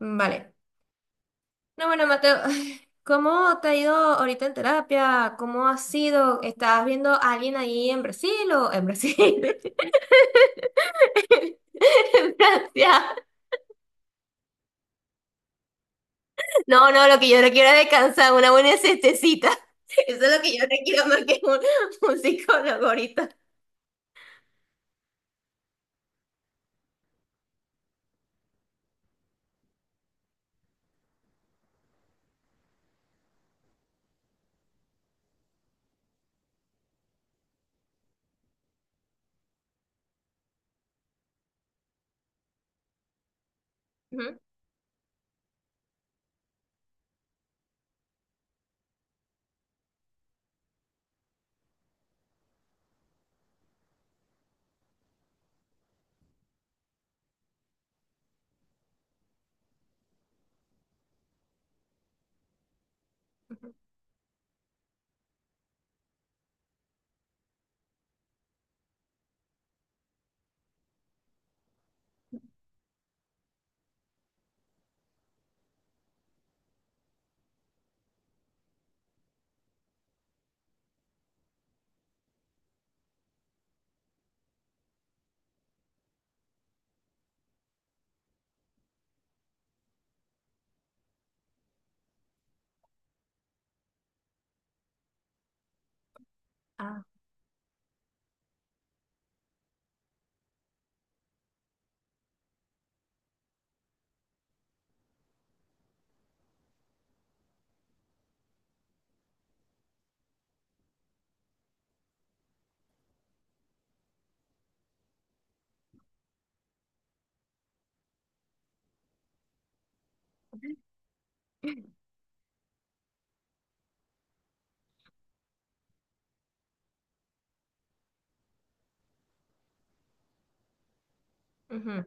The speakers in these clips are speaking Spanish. Vale. No, bueno, Mateo, ¿cómo te ha ido ahorita en terapia? ¿Cómo ha sido? ¿Estás viendo a alguien ahí en Brasil o en Brasil? En Francia. No, no, lo que yo no quiero es descansar, una buena siestecita. Eso es lo que yo no quiero más que un psicólogo ahorita. Ujú. Ah, ujú.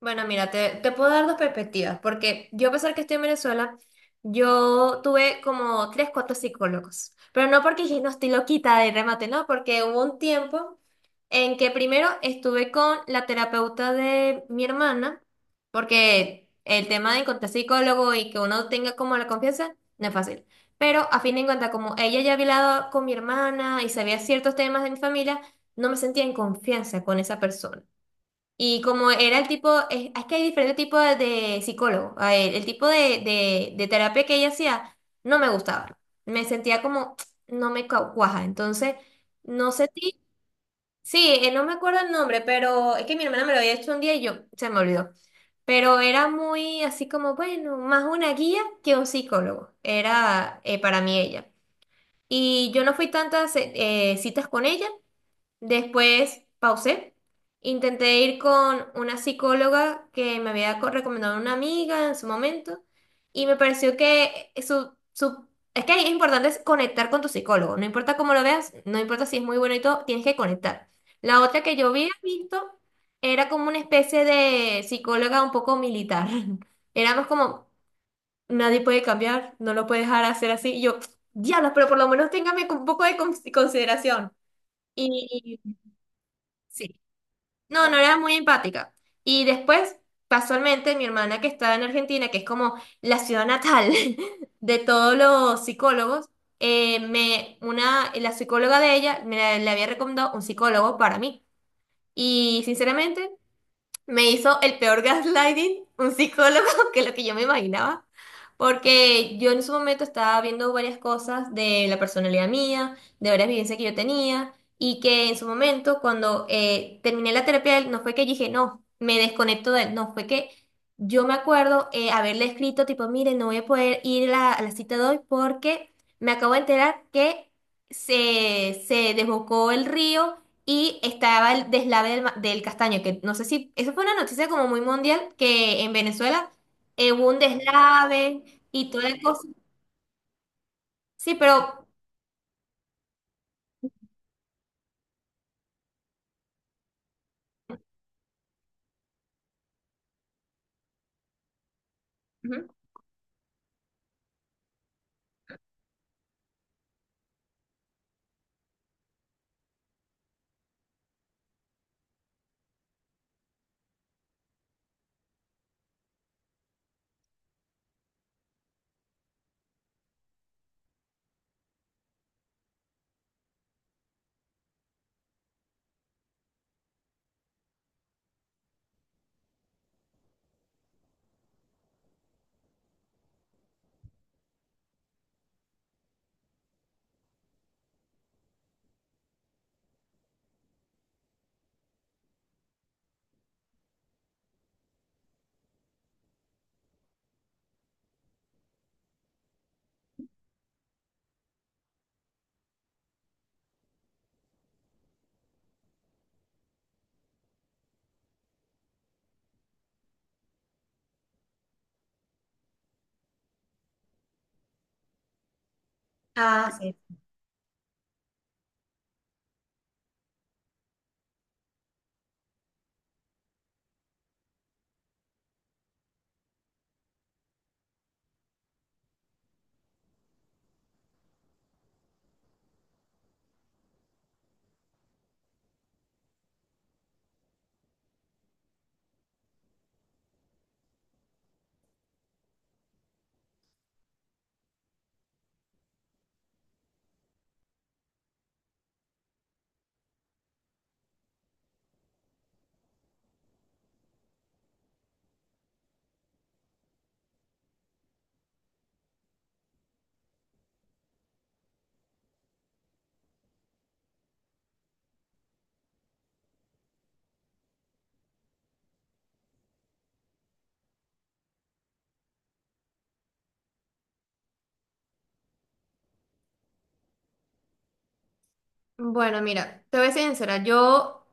Bueno, mira, te puedo dar dos perspectivas, porque yo a pesar que estoy en Venezuela, yo tuve como tres, cuatro psicólogos, pero no porque dije, no estoy loquita de remate, no, porque hubo un tiempo en que primero estuve con la terapeuta de mi hermana, porque el tema de encontrar psicólogo y que uno tenga como la confianza no es fácil, pero a fin de cuentas, como ella ya había hablado con mi hermana y sabía ciertos temas de mi familia, no me sentía en confianza con esa persona. Y como era el tipo, es que hay diferentes tipos de psicólogo. A ver, el tipo de terapia que ella hacía no me gustaba. Me sentía como, no me cau- cuaja. Entonces, no sé ti. Sí, no me acuerdo el nombre, pero es que mi hermana me lo había hecho un día y yo se me olvidó. Pero era muy así como, bueno, más una guía que un psicólogo. Era para mí ella. Y yo no fui tantas citas con ella. Después pausé. Intenté ir con una psicóloga que me había recomendado una amiga en su momento y me pareció que es que es importante es conectar con tu psicólogo. No importa cómo lo veas, no importa si es muy bueno y todo, tienes que conectar. La otra que yo había visto era como una especie de psicóloga un poco militar. Éramos como, nadie puede cambiar, no lo puede dejar hacer así. Y yo, diablos, pero por lo menos téngame con un poco de consideración. Y sí. No, no era muy empática. Y después, casualmente, mi hermana que está en Argentina, que es como la ciudad natal de todos los psicólogos, la psicóloga de ella le había recomendado un psicólogo para mí. Y sinceramente, me hizo el peor gaslighting un psicólogo que lo que yo me imaginaba, porque yo en su momento estaba viendo varias cosas de la personalidad mía, de varias vivencias que yo tenía, y que en su momento cuando terminé la terapia de él, no fue que dije, no, me desconecto de él, no, fue que yo me acuerdo haberle escrito tipo, mire, no voy a poder ir a la cita de hoy porque me acabo de enterar que se desbocó el río y estaba el deslave del castaño, que no sé si, eso fue una noticia como muy mundial, que en Venezuela hubo un deslave y toda la cosa. Sí, pero... Ujú. Ah, sí. Bueno, mira, te voy a ser sincera, yo,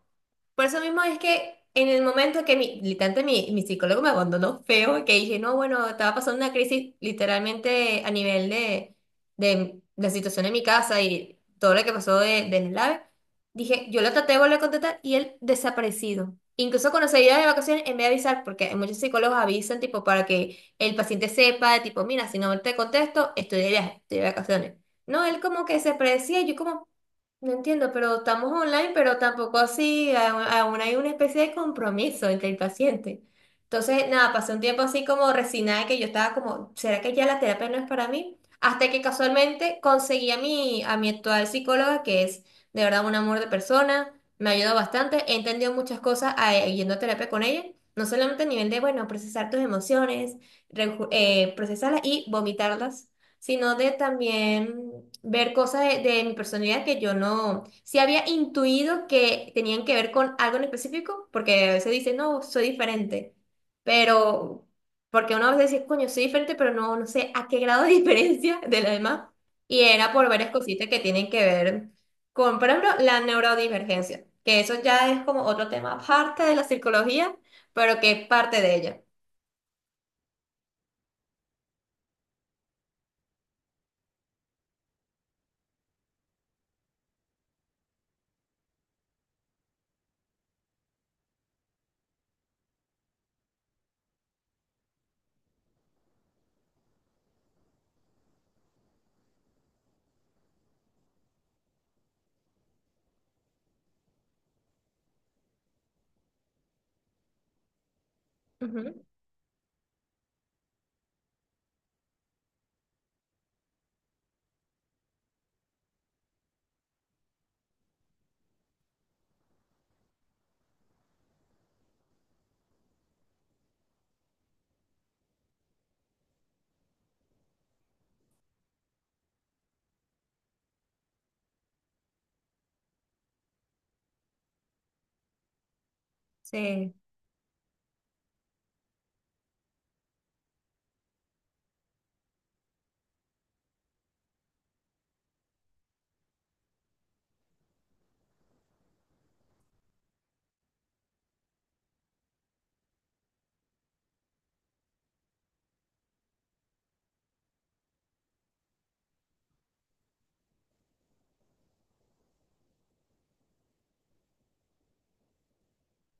por eso mismo es que en el momento que literalmente mi psicólogo me abandonó feo, que dije, no, bueno, estaba pasando una crisis literalmente a nivel de la situación en mi casa y todo lo que pasó del LAVE, dije, yo lo traté de volver a contactar y él desaparecido. Incluso cuando se iba de vacaciones, en vez de avisar, porque muchos psicólogos avisan, tipo, para que el paciente sepa, tipo, mira, si no te contesto, estoy de viaje, estoy de vacaciones. No, él como que se predecía, y yo como... No entiendo, pero estamos online, pero tampoco así, aún hay una especie de compromiso entre el paciente. Entonces, nada, pasé un tiempo así como resignada, que yo estaba como, ¿será que ya la terapia no es para mí? Hasta que casualmente conseguí a mi actual psicóloga, que es de verdad un amor de persona, me ayudó bastante, he entendido muchas cosas yendo a terapia con ella, no solamente a nivel de, bueno, procesar tus emociones, procesarlas y vomitarlas, sino de también ver cosas de mi personalidad que yo no, si había intuido que tenían que ver con algo en específico, porque a veces dice no, soy diferente, pero porque uno a veces dice, coño, soy diferente, pero no, no sé a qué grado de diferencia de la demás, y era por varias cositas que tienen que ver con, por ejemplo, la neurodivergencia, que eso ya es como otro tema aparte de la psicología, pero que es parte de ella. Ujú. Sí,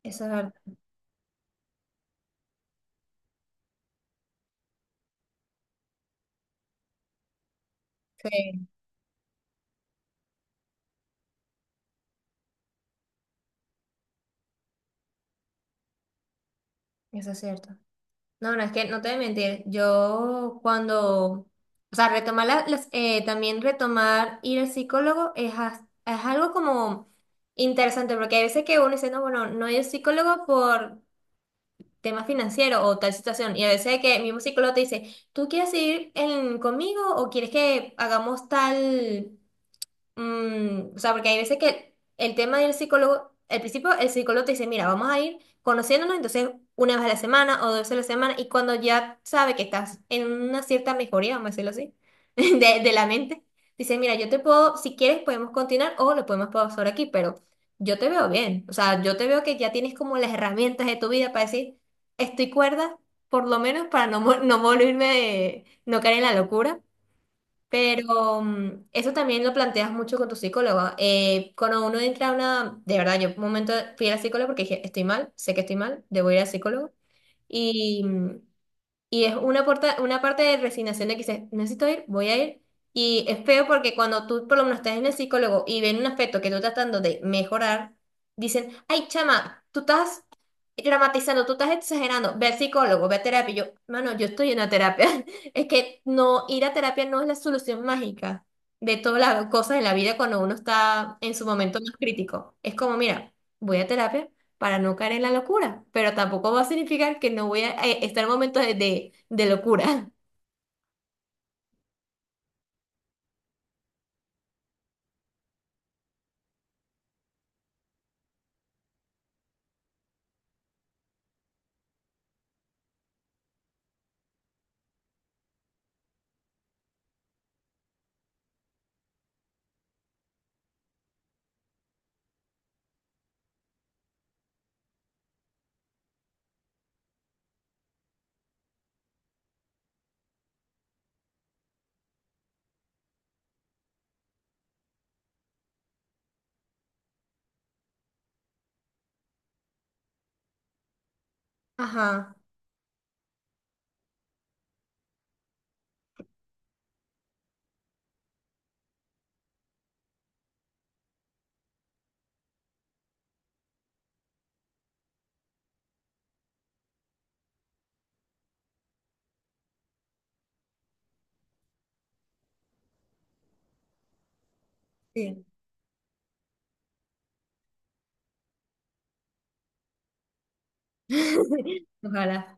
eso es verdad. Sí, eso es cierto. No, no, es que no te voy a mentir. Yo cuando, o sea, retomar también retomar ir al psicólogo es algo como interesante, porque hay veces que uno dice, no, bueno, no ir al psicólogo por tema financiero o tal situación, y a veces que el mismo psicólogo te dice, ¿tú quieres ir conmigo o quieres que hagamos tal? Mm, o sea, porque hay veces que el tema del psicólogo, al principio el psicólogo te dice, mira, vamos a ir conociéndonos, entonces una vez a la semana o dos veces a la semana, y cuando ya sabe que estás en una cierta mejoría, vamos a decirlo así, de la mente, dice, mira, yo te puedo, si quieres podemos continuar o lo podemos pausar aquí, pero yo te veo bien, o sea, yo te veo que ya tienes como las herramientas de tu vida para decir, estoy cuerda, por lo menos para no volverme, no caer en la locura. Pero eso también lo planteas mucho con tu psicólogo. Cuando uno entra a una, de verdad, yo un momento fui a la psicóloga porque dije, estoy mal, sé que estoy mal, debo ir al psicólogo. y mm, y es una parte de resignación de que dices, necesito ir, voy a ir. Y es feo porque cuando tú por lo menos estás en el psicólogo y ven un aspecto que tú estás tratando de mejorar, dicen, ay, chama, tú estás dramatizando, tú estás exagerando, ve al psicólogo, ve a terapia. Y yo, mano, yo estoy en la terapia. Es que no, ir a terapia no es la solución mágica de todas las cosas en la vida cuando uno está en su momento más crítico. Es como, mira, voy a terapia para no caer en la locura, pero tampoco va a significar que no voy a estar en momentos de locura. Ajá, sí. Ojalá.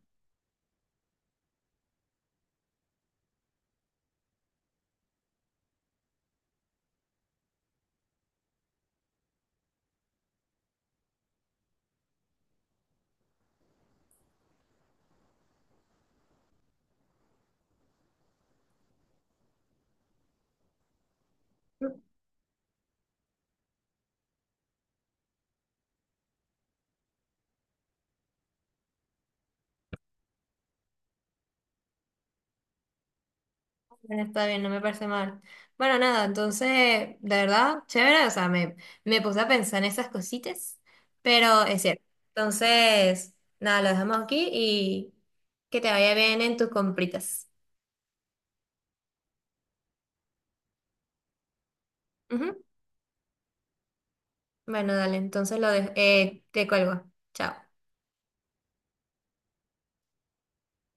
Bueno, está bien, no me parece mal. Bueno, nada, entonces, de verdad, chévere, o sea, me puse a pensar en esas cositas, pero es cierto. Entonces, nada, lo dejamos aquí y que te vaya bien en tus compritas. Ujú. Bueno, dale, entonces lo de te cuelgo. Chao.